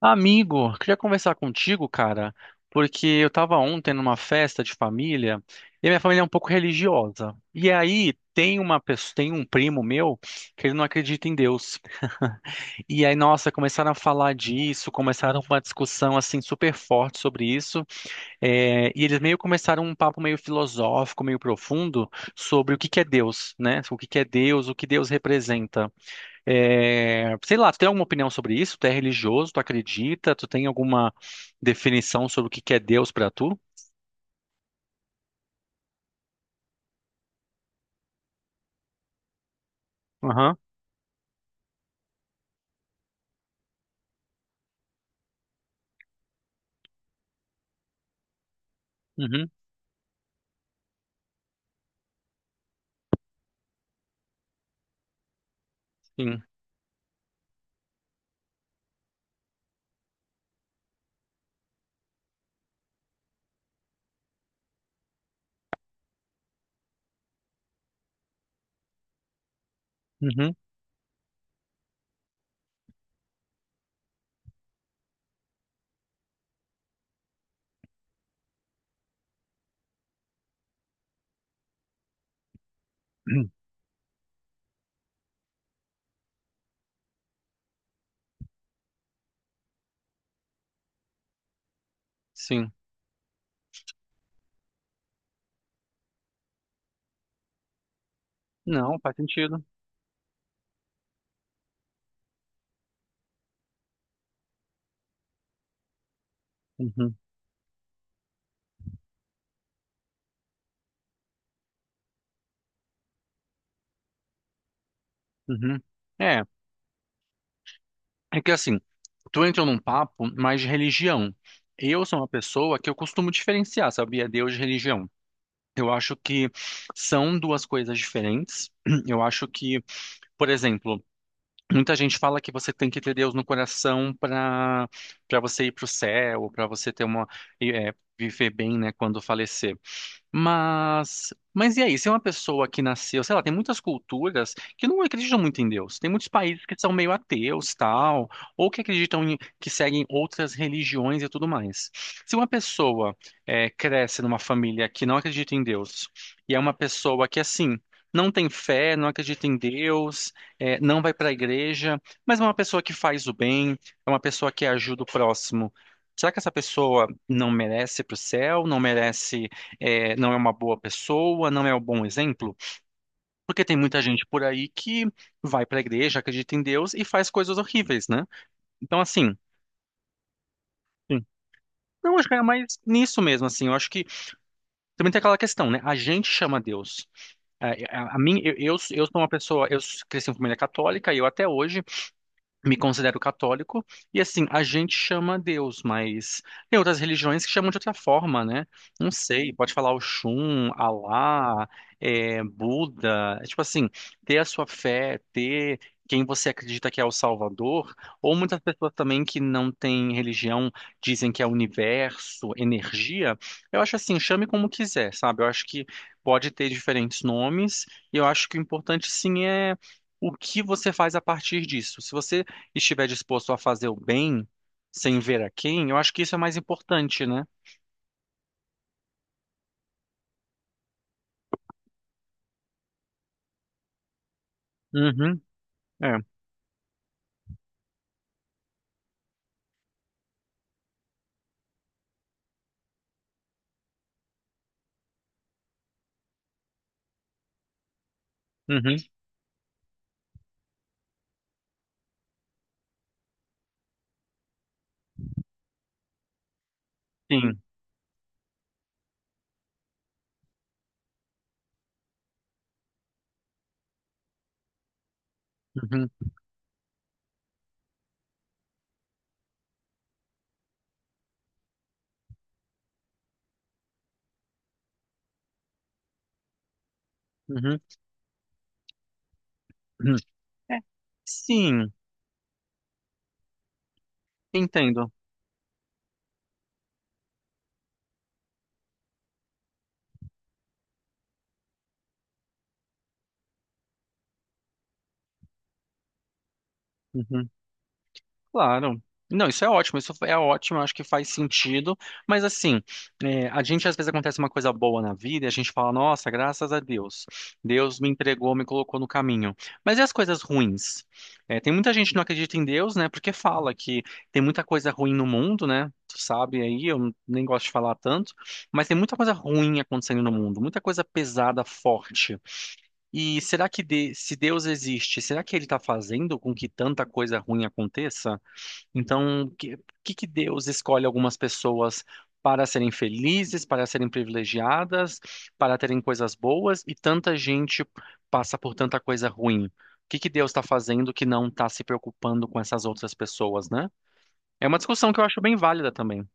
Amigo, queria conversar contigo, cara, porque eu tava ontem numa festa de família e a minha família é um pouco religiosa. E aí tem uma pessoa, tem um primo meu que ele não acredita em Deus. E aí, nossa, começaram a falar disso, começaram uma discussão assim super forte sobre isso. É, e eles meio começaram um papo meio filosófico, meio profundo sobre o que que é Deus, né? O que que é Deus, o que Deus representa. É, sei lá, tu tem alguma opinião sobre isso? Tu é religioso? Tu acredita? Tu tem alguma definição sobre o que que é Deus pra tu? Aham, uhum, sim, uhum, sim. Não, faz sentido. Uhum, uhum. É, é que assim, tu entra num papo mais de religião. Eu sou uma pessoa que eu costumo diferenciar, sabia? Deus de religião. Eu acho que são duas coisas diferentes. Eu acho que, por exemplo, muita gente fala que você tem que ter Deus no coração para para você ir para o céu, para você ter uma e, é, viver bem, né, quando falecer. Mas e aí? Se é uma pessoa que nasceu, sei lá, tem muitas culturas que não acreditam muito em Deus. Tem muitos países que são meio ateus, tal, ou que acreditam em, que seguem outras religiões e tudo mais. Se uma pessoa cresce numa família que não acredita em Deus e é uma pessoa que assim não tem fé, não acredita em Deus, não vai para a igreja, mas é uma pessoa que faz o bem, é uma pessoa que ajuda o próximo. Será que essa pessoa não merece ir para o céu? Não merece é, não é uma boa pessoa, não é um bom exemplo, porque tem muita gente por aí que vai para a igreja, acredita em Deus e faz coisas horríveis, né? Então, assim, sim, não, acho que é mais nisso mesmo, assim, eu acho que também tem aquela questão, né? A gente chama Deus. A, a mim, eu sou uma pessoa, eu cresci em família católica e eu até hoje me considero católico, e assim, a gente chama Deus, mas tem outras religiões que chamam de outra forma, né? Não sei, pode falar Oxum, Alá, é, Buda, é tipo assim, ter a sua fé, ter quem você acredita que é o Salvador, ou muitas pessoas também que não têm religião dizem que é universo, energia, eu acho assim, chame como quiser, sabe? Eu acho que pode ter diferentes nomes, e eu acho que o importante sim é o que você faz a partir disso. Se você estiver disposto a fazer o bem sem ver a quem, eu acho que isso é mais importante, né? Uhum, é, uhum, sim, uhum, uhum, uhum. É, sim, entendo. Uhum. Claro. Não, isso é ótimo, eu acho que faz sentido, mas assim, é, a gente às vezes acontece uma coisa boa na vida e a gente fala, nossa, graças a Deus, Deus me entregou, me colocou no caminho. Mas e as coisas ruins? É, tem muita gente que não acredita em Deus, né, porque fala que tem muita coisa ruim no mundo, né, tu sabe aí, eu nem gosto de falar tanto, mas tem muita coisa ruim acontecendo no mundo, muita coisa pesada, forte. E será que se Deus existe, será que ele está fazendo com que tanta coisa ruim aconteça? Então, o que, que Deus escolhe algumas pessoas para serem felizes, para serem privilegiadas, para terem coisas boas e tanta gente passa por tanta coisa ruim? O que que Deus está fazendo que não está se preocupando com essas outras pessoas, né? É uma discussão que eu acho bem válida também.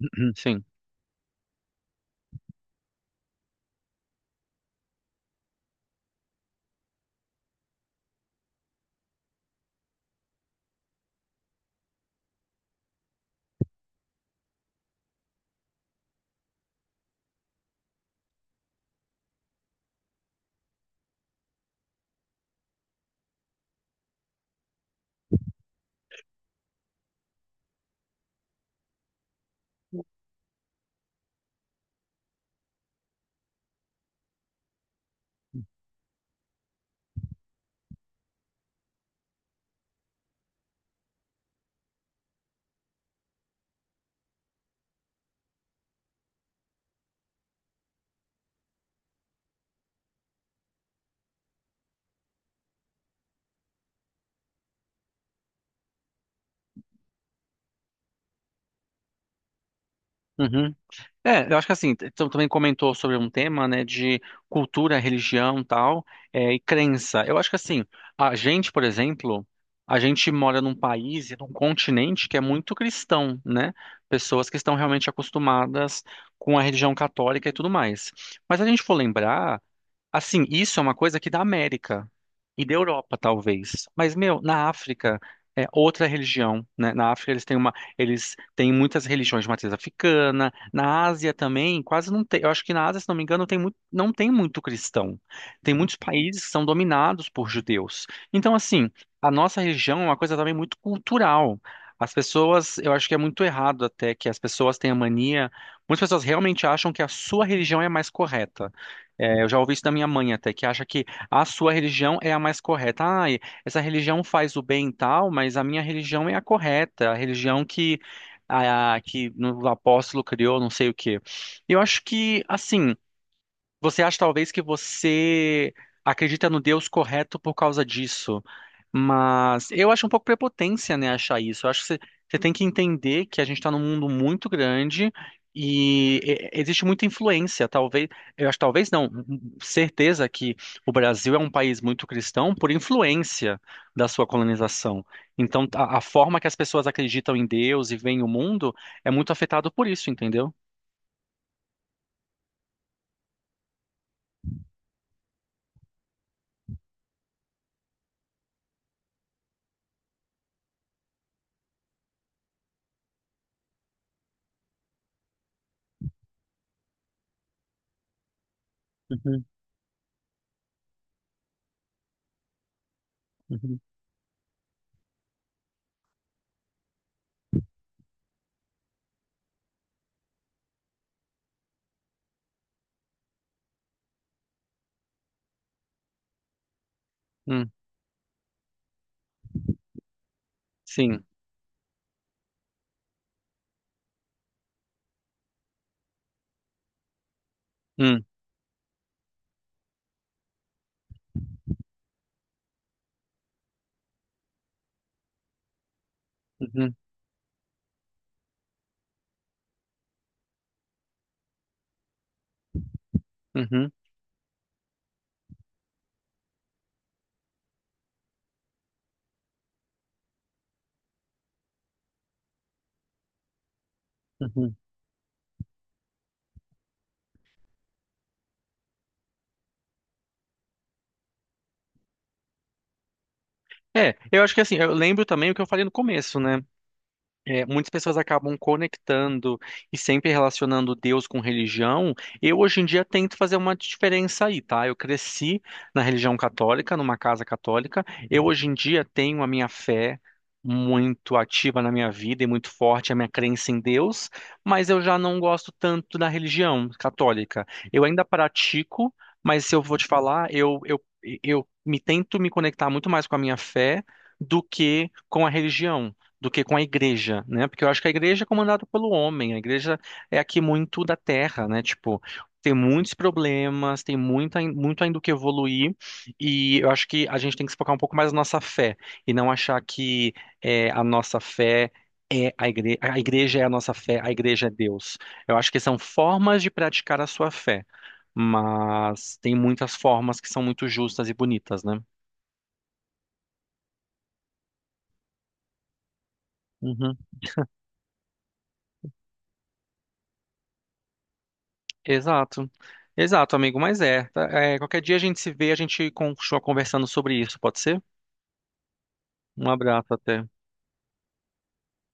Sim. Uhum. É, eu acho que assim, tu também comentou sobre um tema, né, de cultura, religião, tal, é, e crença. Eu acho que assim, a gente, por exemplo, a gente mora num país e num continente que é muito cristão, né? Pessoas que estão realmente acostumadas com a religião católica e tudo mais. Mas se a gente for lembrar, assim, isso é uma coisa aqui da América e da Europa, talvez. Mas, meu, na África é outra religião, né? Na África eles têm uma, eles têm muitas religiões de matriz africana. Na Ásia também, quase não tem. Eu acho que na Ásia, se não me engano, tem muito, não tem muito cristão. Tem muitos países que são dominados por judeus. Então, assim, a nossa religião é uma coisa também muito cultural. As pessoas, eu acho que é muito errado até que as pessoas tenham mania. Muitas pessoas realmente acham que a sua religião é a mais correta. É, eu já ouvi isso da minha mãe até, que acha que a sua religião é a mais correta. Ah, essa religião faz o bem e tal, mas a minha religião é a correta, a religião que, a, que o apóstolo criou, não sei o quê. Eu acho que, assim, você acha talvez que você acredita no Deus correto por causa disso, mas eu acho um pouco prepotência, né, achar isso. Eu acho que você, você tem que entender que a gente está num mundo muito grande e existe muita influência. Talvez, eu acho, talvez não, hum, certeza que o Brasil é um país muito cristão por influência da sua colonização. Então, a forma que as pessoas acreditam em Deus e veem o mundo é muito afetado por isso, entendeu? Uhum, uhum. Hum, sim. Hum, uhum. Uhum, uhum. É, eu acho que assim, eu lembro também o que eu falei no começo, né? É, muitas pessoas acabam conectando e sempre relacionando Deus com religião. Eu, hoje em dia, tento fazer uma diferença aí, tá? Eu cresci na religião católica, numa casa católica. Eu, hoje em dia, tenho a minha fé muito ativa na minha vida e muito forte a minha crença em Deus, mas eu já não gosto tanto da religião católica. Eu ainda pratico, mas se eu vou te falar, eu me tento me conectar muito mais com a minha fé do que com a religião do que com a igreja, né? Porque eu acho que a igreja é comandada pelo homem, a igreja é aqui muito da terra, né? Tipo, tem muitos problemas, tem muito, muito ainda o que evoluir, e eu acho que a gente tem que se focar um pouco mais na nossa fé, e não achar que é, a nossa fé é a igreja é a nossa fé, a igreja é Deus. Eu acho que são formas de praticar a sua fé, mas tem muitas formas que são muito justas e bonitas, né? Exato. Exato, amigo, mas é, tá? É, qualquer dia a gente se vê, a gente continua conversando sobre isso, pode ser? Um abraço até.